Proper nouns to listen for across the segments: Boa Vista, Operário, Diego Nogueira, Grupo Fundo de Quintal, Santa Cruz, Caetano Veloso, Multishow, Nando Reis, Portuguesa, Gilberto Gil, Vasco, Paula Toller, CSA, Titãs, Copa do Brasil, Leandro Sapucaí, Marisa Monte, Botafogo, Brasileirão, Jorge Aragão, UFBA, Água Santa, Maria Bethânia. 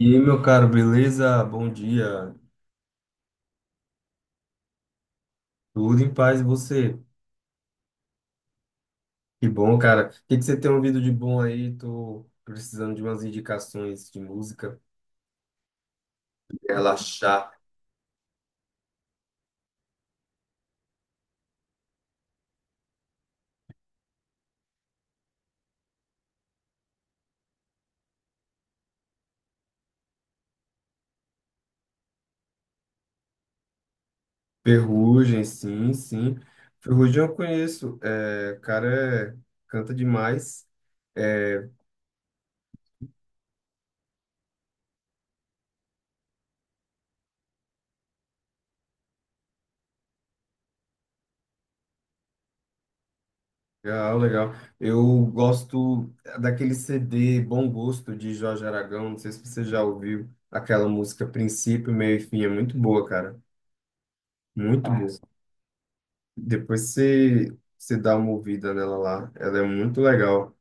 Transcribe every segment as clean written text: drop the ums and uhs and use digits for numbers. E aí, meu caro, beleza? Bom dia. Tudo em paz e você? Que bom, cara. O que que você tem ouvido de bom aí? Tô precisando de umas indicações de música. Relaxar. Ferrugem, sim, sim. Ferrugem eu conheço. É, o cara, canta demais. É, legal, legal. Eu gosto daquele CD Bom Gosto de Jorge Aragão. Não sei se você já ouviu aquela música Princípio, Meio e Fim. É muito boa, cara. Muito boa. Depois você dá uma ouvida nela lá. Ela é muito legal.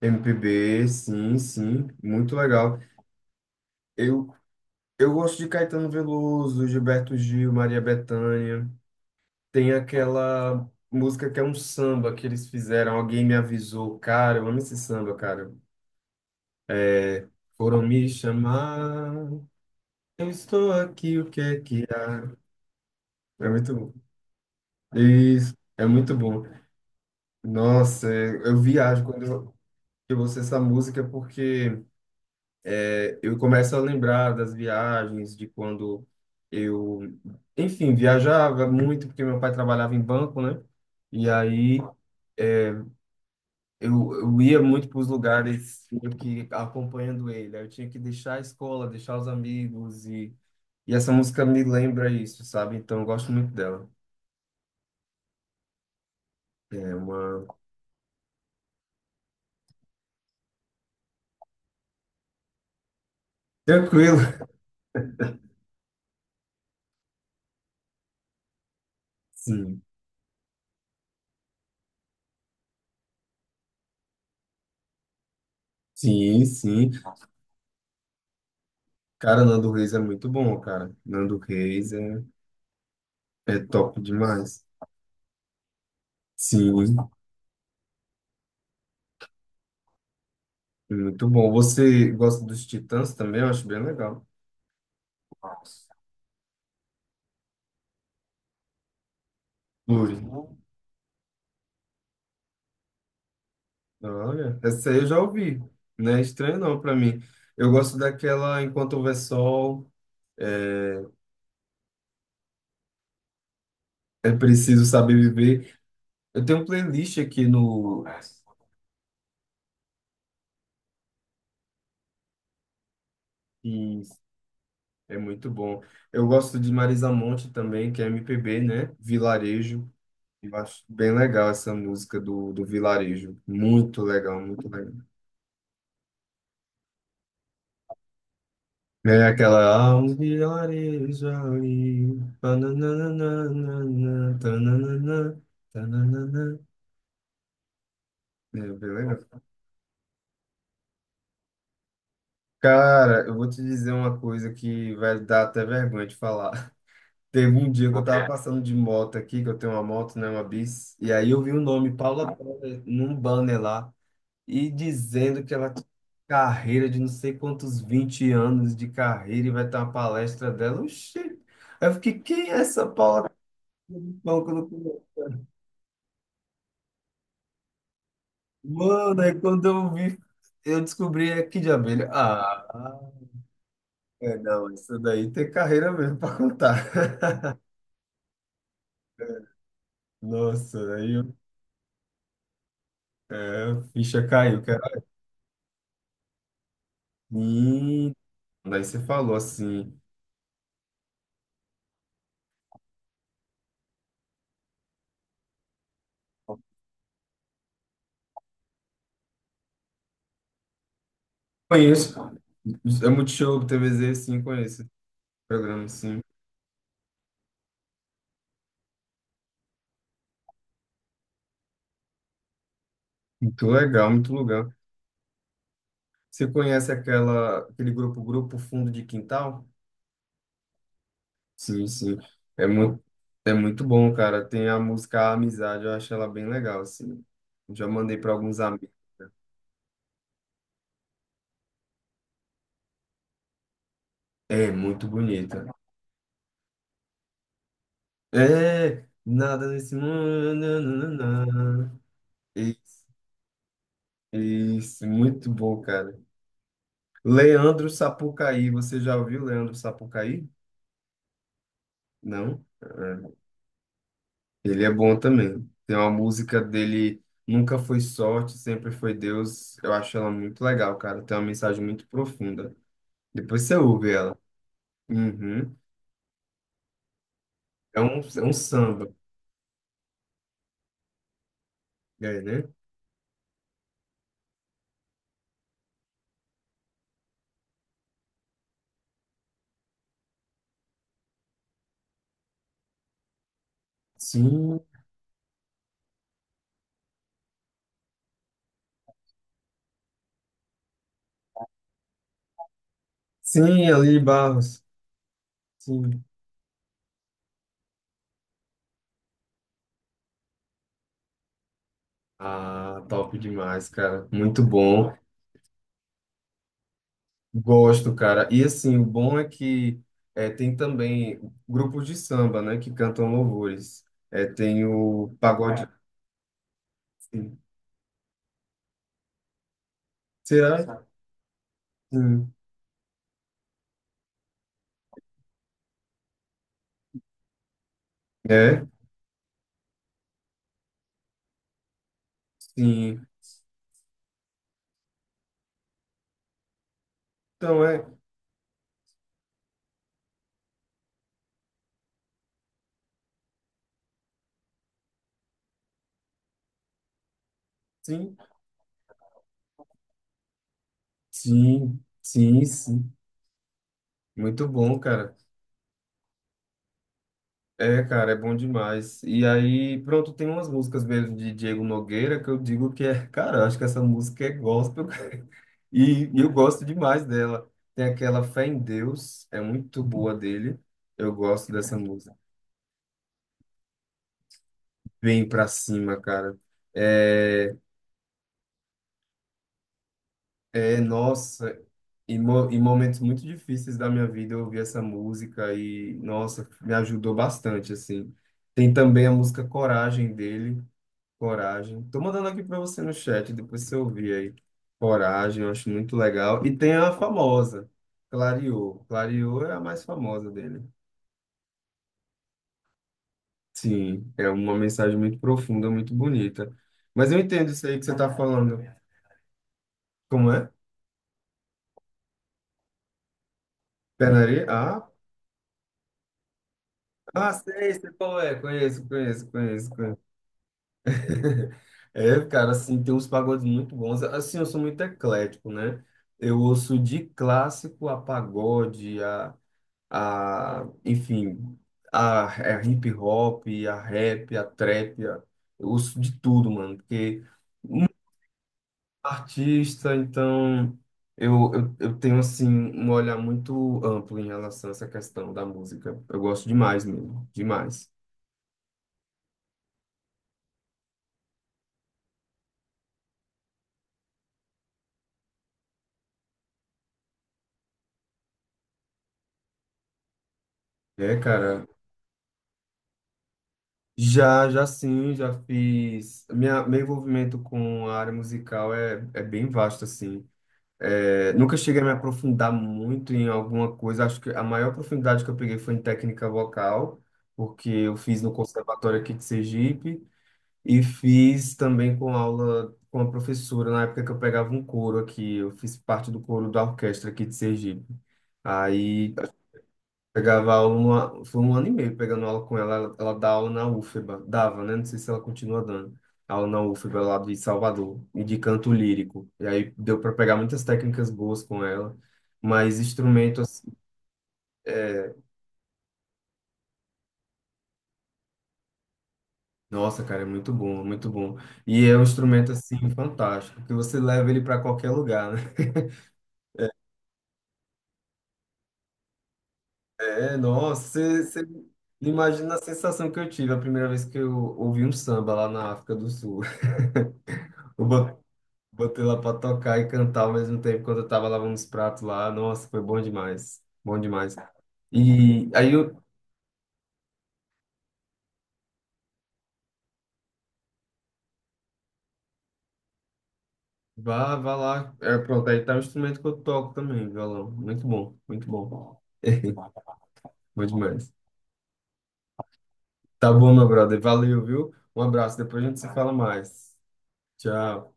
M P B sim, sim, muito legal. Eu, eu gosto de Caetano Veloso, Gilberto Gil, Maria Bethânia. Tem aquela música que é um samba que eles fizeram. Alguém me avisou. Cara, eu amo esse samba, cara. É, foram me chamar, eu estou aqui, o que é que há? É muito bom. Isso, é muito bom. Nossa, eu viajo quando eu ouço essa música porque é, eu começo a lembrar das viagens, de quando eu, enfim, viajava muito, porque meu pai trabalhava em banco, né? E aí é, eu ia muito para os lugares meio que acompanhando ele. Aí eu tinha que deixar a escola, deixar os amigos, e essa música me lembra isso, sabe? Então eu gosto muito dela. É uma. Tranquilo. Sim. Sim, sim. Cara, Nando Reis é muito bom, cara. Nando Reis é top demais. Sim. Muito bom. Você gosta dos Titãs também? Eu acho bem legal. Ui. Olha, essa aí eu já ouvi. Não é estranho não para mim. Eu gosto daquela Enquanto Houver Sol, É Preciso Saber Viver. Eu tenho um playlist aqui no que é muito bom. Eu gosto de Marisa Monte também, que é MPB, né? Vilarejo. Eu acho bem legal essa música do, do Vilarejo. Muito legal, muito legal. É aquela. Meu, beleza? Cara, eu vou te dizer uma coisa que vai dar até vergonha de falar. Teve um dia que eu, o tava quê, passando de moto aqui, que eu tenho uma moto, né, uma bis, e aí eu vi o nome Paula Toller num banner lá e dizendo que ela tinha carreira de não sei quantos 20 anos de carreira e vai ter uma palestra dela. Oxi! Aí eu fiquei, quem é essa Paula? Toller? Mano, aí quando eu vi, eu descobri aqui de abelha. Ah, é, não, isso daí tem carreira mesmo pra contar. Nossa, a ficha caiu, cara. Hum, daí você falou assim. Conheço. É Multishow, TVZ, sim, conheço. Esse programa, sim. Muito legal, muito legal. Você conhece aquele grupo, Grupo Fundo de Quintal? Sim, sim. É muito, é muito bom, cara. Tem a música Amizade, eu acho ela bem legal, assim. Já mandei para alguns amigos. É muito bonita. É, nada nesse mundo. Nananana. Isso, isso, muito bom, cara. Leandro Sapucaí, você já ouviu Leandro Sapucaí? Não? É. Ele é bom também. Tem uma música dele, Nunca Foi Sorte, Sempre Foi Deus. Eu acho ela muito legal, cara. Tem uma mensagem muito profunda. Depois você ouve ela. Uhum. É um, samba, é, né? Sim, sim, Ali Barros. Sim. Ah, top demais, cara. Muito bom. Gosto, cara. E assim, o bom é que é, tem também grupos de samba, né, que cantam louvores. É, tem o pagode. Sim. Será? Sim. É? Sim. Então é. Sim. Sim. Sim, sim. Muito bom, cara. É, cara, é bom demais. E aí, pronto, tem umas músicas mesmo de Diego Nogueira que eu digo que é, cara, eu acho que essa música é gospel, cara. E eu gosto demais dela. Tem aquela Fé em Deus, é muito boa dele. Eu gosto dessa música. Vem pra cima, cara. É, é nossa, em momentos muito difíceis da minha vida eu ouvi essa música e, nossa, me ajudou bastante, assim. Tem também a música Coragem dele. Coragem. Tô mandando aqui para você no chat, depois você ouvir aí. Coragem, eu acho muito legal. E tem a famosa, Clareou. Clareou é a mais famosa dele. Sim, é uma mensagem muito profunda, muito bonita. Mas eu entendo isso aí que você tá falando. Como é? Pé na areia? Ah, sei qual é. Conheço, conheço, conheço, conheço. É, cara, assim, tem uns pagodes muito bons. Assim, eu sou muito eclético, né? Eu ouço de clássico a pagode, enfim, a hip hop, a rap, a trap, eu ouço de tudo, mano, porque muito artista, então eu tenho, assim, um olhar muito amplo em relação a essa questão da música. Eu gosto demais mesmo, demais. É, cara, já, já sim, já fiz. Meu envolvimento com a área musical é bem vasto, assim. É, nunca cheguei a me aprofundar muito em alguma coisa. Acho que a maior profundidade que eu peguei foi em técnica vocal, porque eu fiz no conservatório aqui de Sergipe e fiz também com aula com a professora na época que eu pegava um coro aqui. Eu fiz parte do coro da orquestra aqui de Sergipe. Aí pegava aula, foi um ano e meio pegando aula com ela. Ela dá aula na UFBA, dava, né? Não sei se ela continua dando. Aula na UFBA lá de Salvador, e de canto lírico. E aí deu para pegar muitas técnicas boas com ela, mas instrumento, assim, é, nossa, cara, é muito bom, é muito bom. E é um instrumento, assim, fantástico, que você leva ele para qualquer lugar, né? É, nossa, você imagina a sensação que eu tive a primeira vez que eu ouvi um samba lá na África do Sul. Eu botei lá pra tocar e cantar ao mesmo tempo quando eu tava lavando os pratos lá. Nossa, foi bom demais. Bom demais. E aí eu. Vá, vá lá. É, pronto, aí tá o instrumento que eu toco também, violão. Muito bom, muito bom. Bom demais. Tá bom, meu brother. Valeu, viu? Um abraço. Depois a gente se fala mais. Tchau.